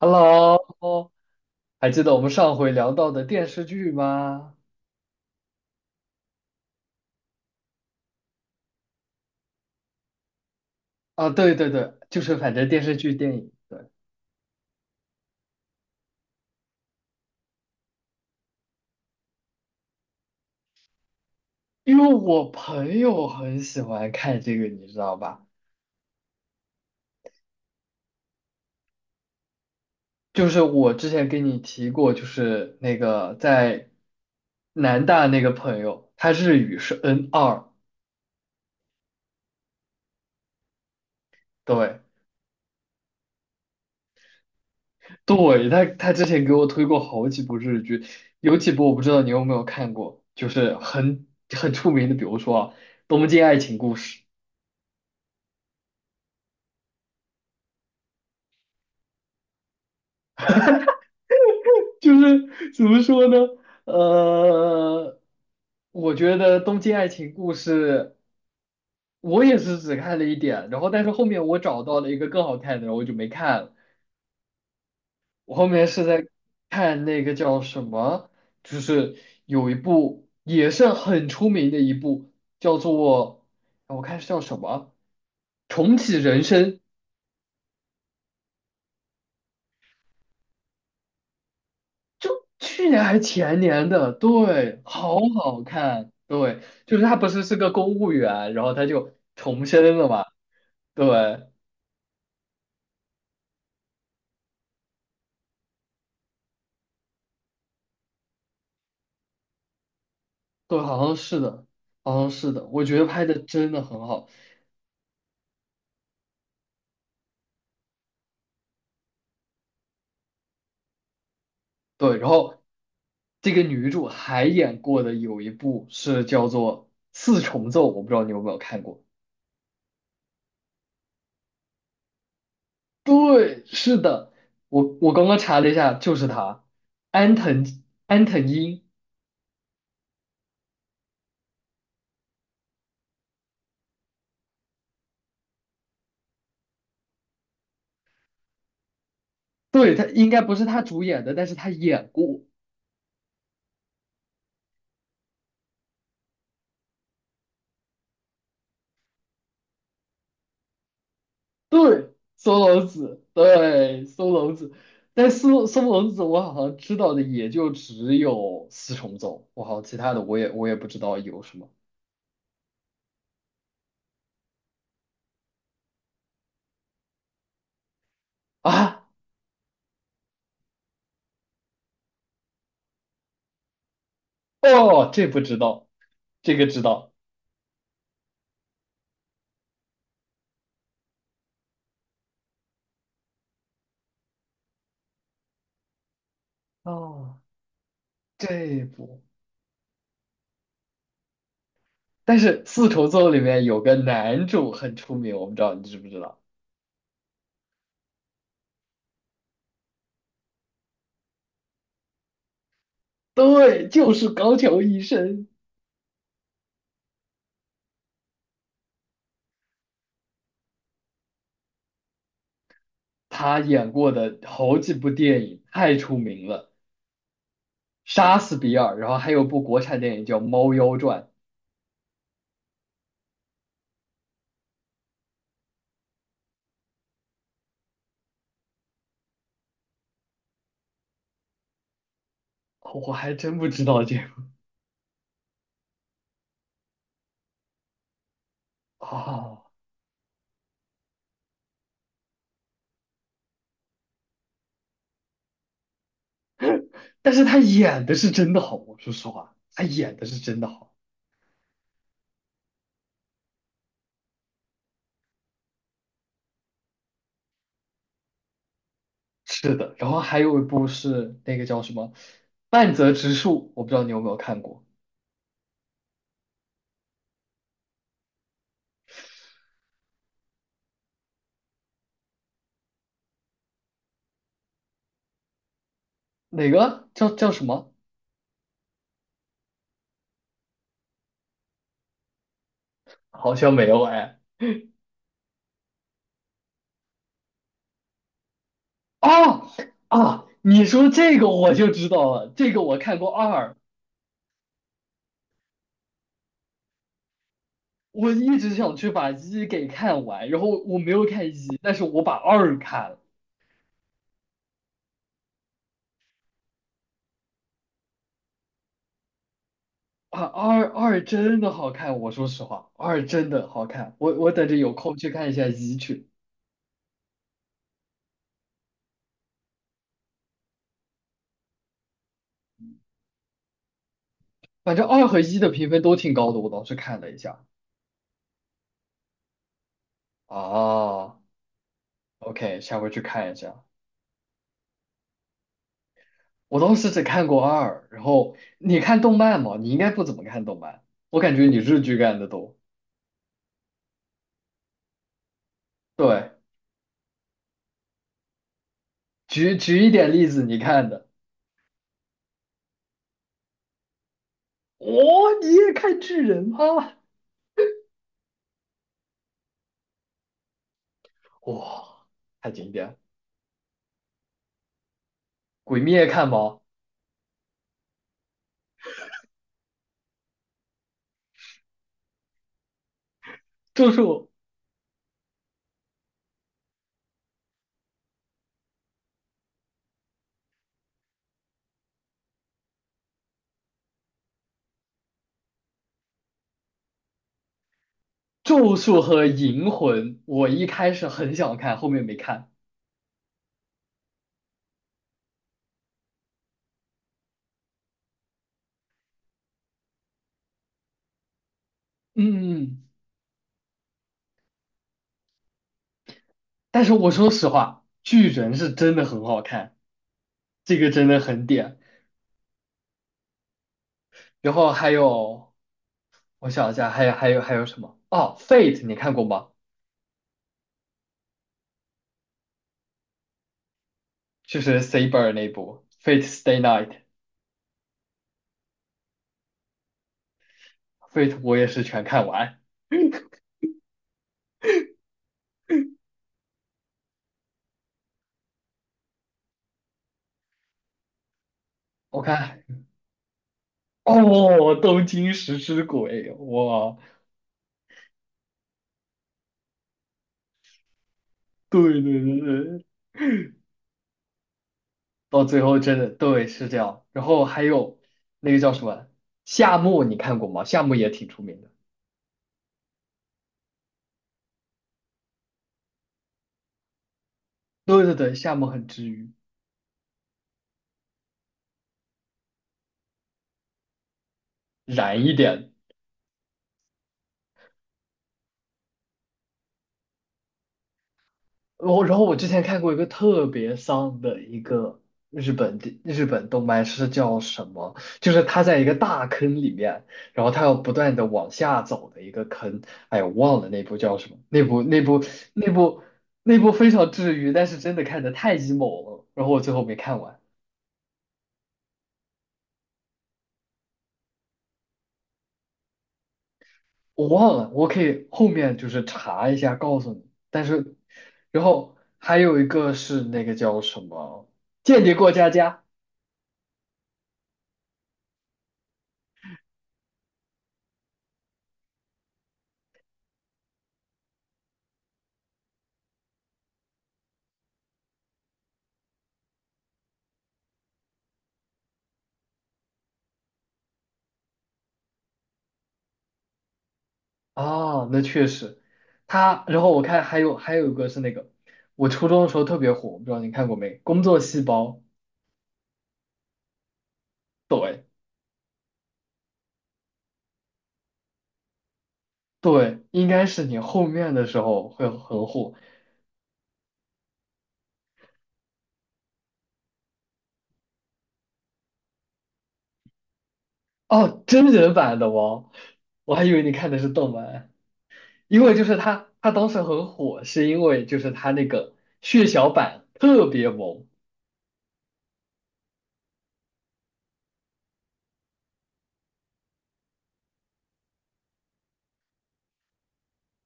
Hello，还记得我们上回聊到的电视剧吗？啊，对对对，就是反正电视剧、电影，对，因为我朋友很喜欢看这个，你知道吧？就是我之前跟你提过，就是那个在南大那个朋友，他日语是 N2，对对，他之前给我推过好几部日剧，有几部我不知道你有没有看过，就是很出名的，比如说啊东京爱情故事》。就是怎么说呢？呃，我觉得《东京爱情故事》，我也是只看了一点，然后但是后面我找到了一个更好看的，然后我就没看了我后面是在看那个叫什么，就是有一部也是很出名的一部，叫做我看是叫什么《重启人生》，就去年还前年的，对，好好看，对，就是他不是是个公务员，然后他就重生了嘛，对，对，好像是的，好像是的，我觉得拍的真的很好，对，然后这个女主还演过的有一部是叫做《四重奏》，我不知道你有没有看过，对，是的，我刚刚查了一下，就是他，安藤安藤樱，对，他应该不是他主演的，但是他演过。对，松隆子，对，松隆子，但松隆子我好像知道的也就只有四重奏，我好像其他的我也不知道有什么啊，哦，这不知道，这个知道，哦，这不，但是四重奏里面有个男主很出名，我不知道你知不知道？对，就是高桥医生，他演过的好几部电影太出名了，《杀死比尔》，然后还有部国产电影叫《猫妖传》。哦我还真不知道这个哦，但是他演的是真的好，我说实话，他演的是真的好。是的，然后还有一部是那个叫什么《半泽直树》，我不知道你有没有看过，哪个叫叫什么？好像没有哎。啊啊！你说这个我就知道了，这个我看过二，我一直想去把一给看完，然后我没有看一，但是我把二看了。啊，二真的好看，我说实话，二真的好看，我等着有空去看一下一去。反正二和一的评分都挺高的，我当时看了一下。啊，OK，下回去看一下。我当时只看过二，然后你看动漫吗？你应该不怎么看动漫，我感觉你日剧看的多。对，举举一点例子，你看的。哇，你也看巨人吗？哇，太经典了鬼灭看吗？就是我咒术和银魂，我一开始很想看，后面没看。嗯，嗯嗯但是我说实话，巨人是真的很好看，这个真的很点。然后还有，我想一下，还有什么？哦，Fate 你看过吗？就是 Saber 那部 Fate Stay Night，Fate 我也是全看完。我看，哦，东京食尸鬼，哇，对对对对。到最后真的对是这样。然后还有那个叫什么夏目，你看过吗？夏目也挺出名的。对对对，夏目很治愈，燃一点。然后我之前看过一个特别丧的一个日本动漫是叫什么？就是他在一个大坑里面，然后他要不断的往下走的一个坑。哎呀，我忘了那部叫什么？那部那部非常治愈，但是真的看的太 emo 了，然后我最后没看完。我忘了，我可以后面就是查一下告诉你。但是，然后还有一个是那个叫什么《间谍过家家》啊，那确实，他。然后我看还有一个是那个，我初中的时候特别火，我不知道你看过没，《工作细胞》。对对，应该是你后面的时候会很火哦，真人版的哦，我还以为你看的是动漫。因为就是他当时很火，是因为就是他那个血小板特别萌，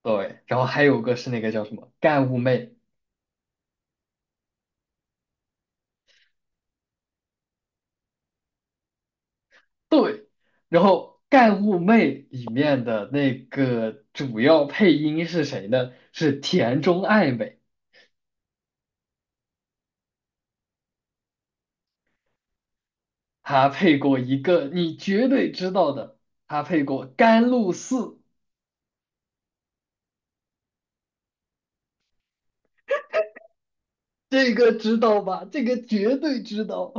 对，然后还有个是那个叫什么干物妹，对，然后干物妹里面的那个主要配音是谁呢？是田中爱美，她配过一个你绝对知道的，她配过甘露寺，这个知道吧？这个绝对知道。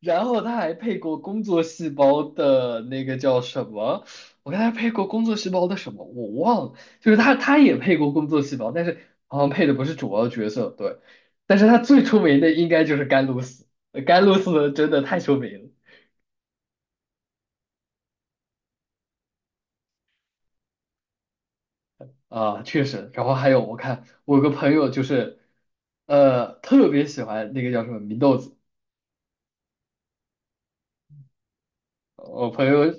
然后他还配过工作细胞的那个叫什么？我看他配过工作细胞的什么，我忘了。就是他也配过工作细胞，但是好像配的不是主要角色，对。但是他最出名的应该就是甘露寺，甘露寺真的太出名了啊，确实。然后还有我看我有个朋友就是，特别喜欢那个叫什么祢豆子，我朋友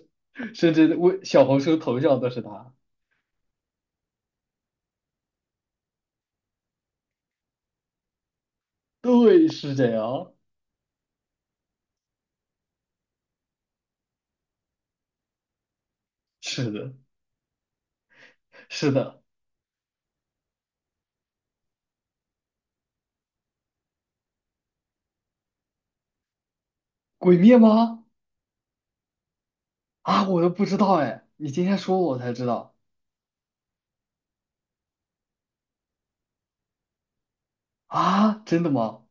甚至微小红书头像都是他。对，是这样，是的。是的，鬼灭吗？啊，我都不知道哎，你今天说我才知道啊，真的吗？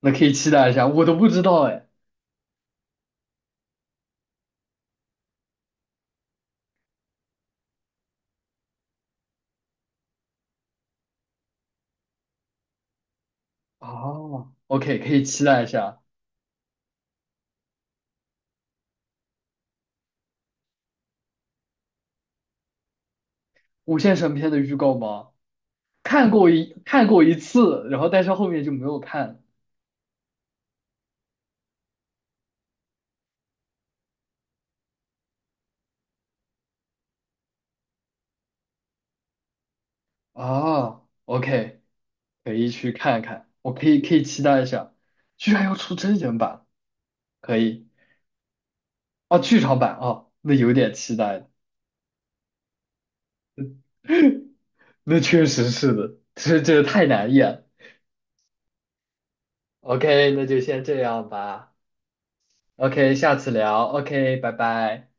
那可以期待一下，我都不知道哎。哦，OK，可以期待一下《无限神篇》的预告吗？看过一次，然后但是后面就没有看啊。OK，可以去看看，我可以期待一下，居然要出真人版，可以啊，剧场版啊，那有点期待那确实是的，这太难演。OK，那就先这样吧。OK，下次聊。OK，拜拜。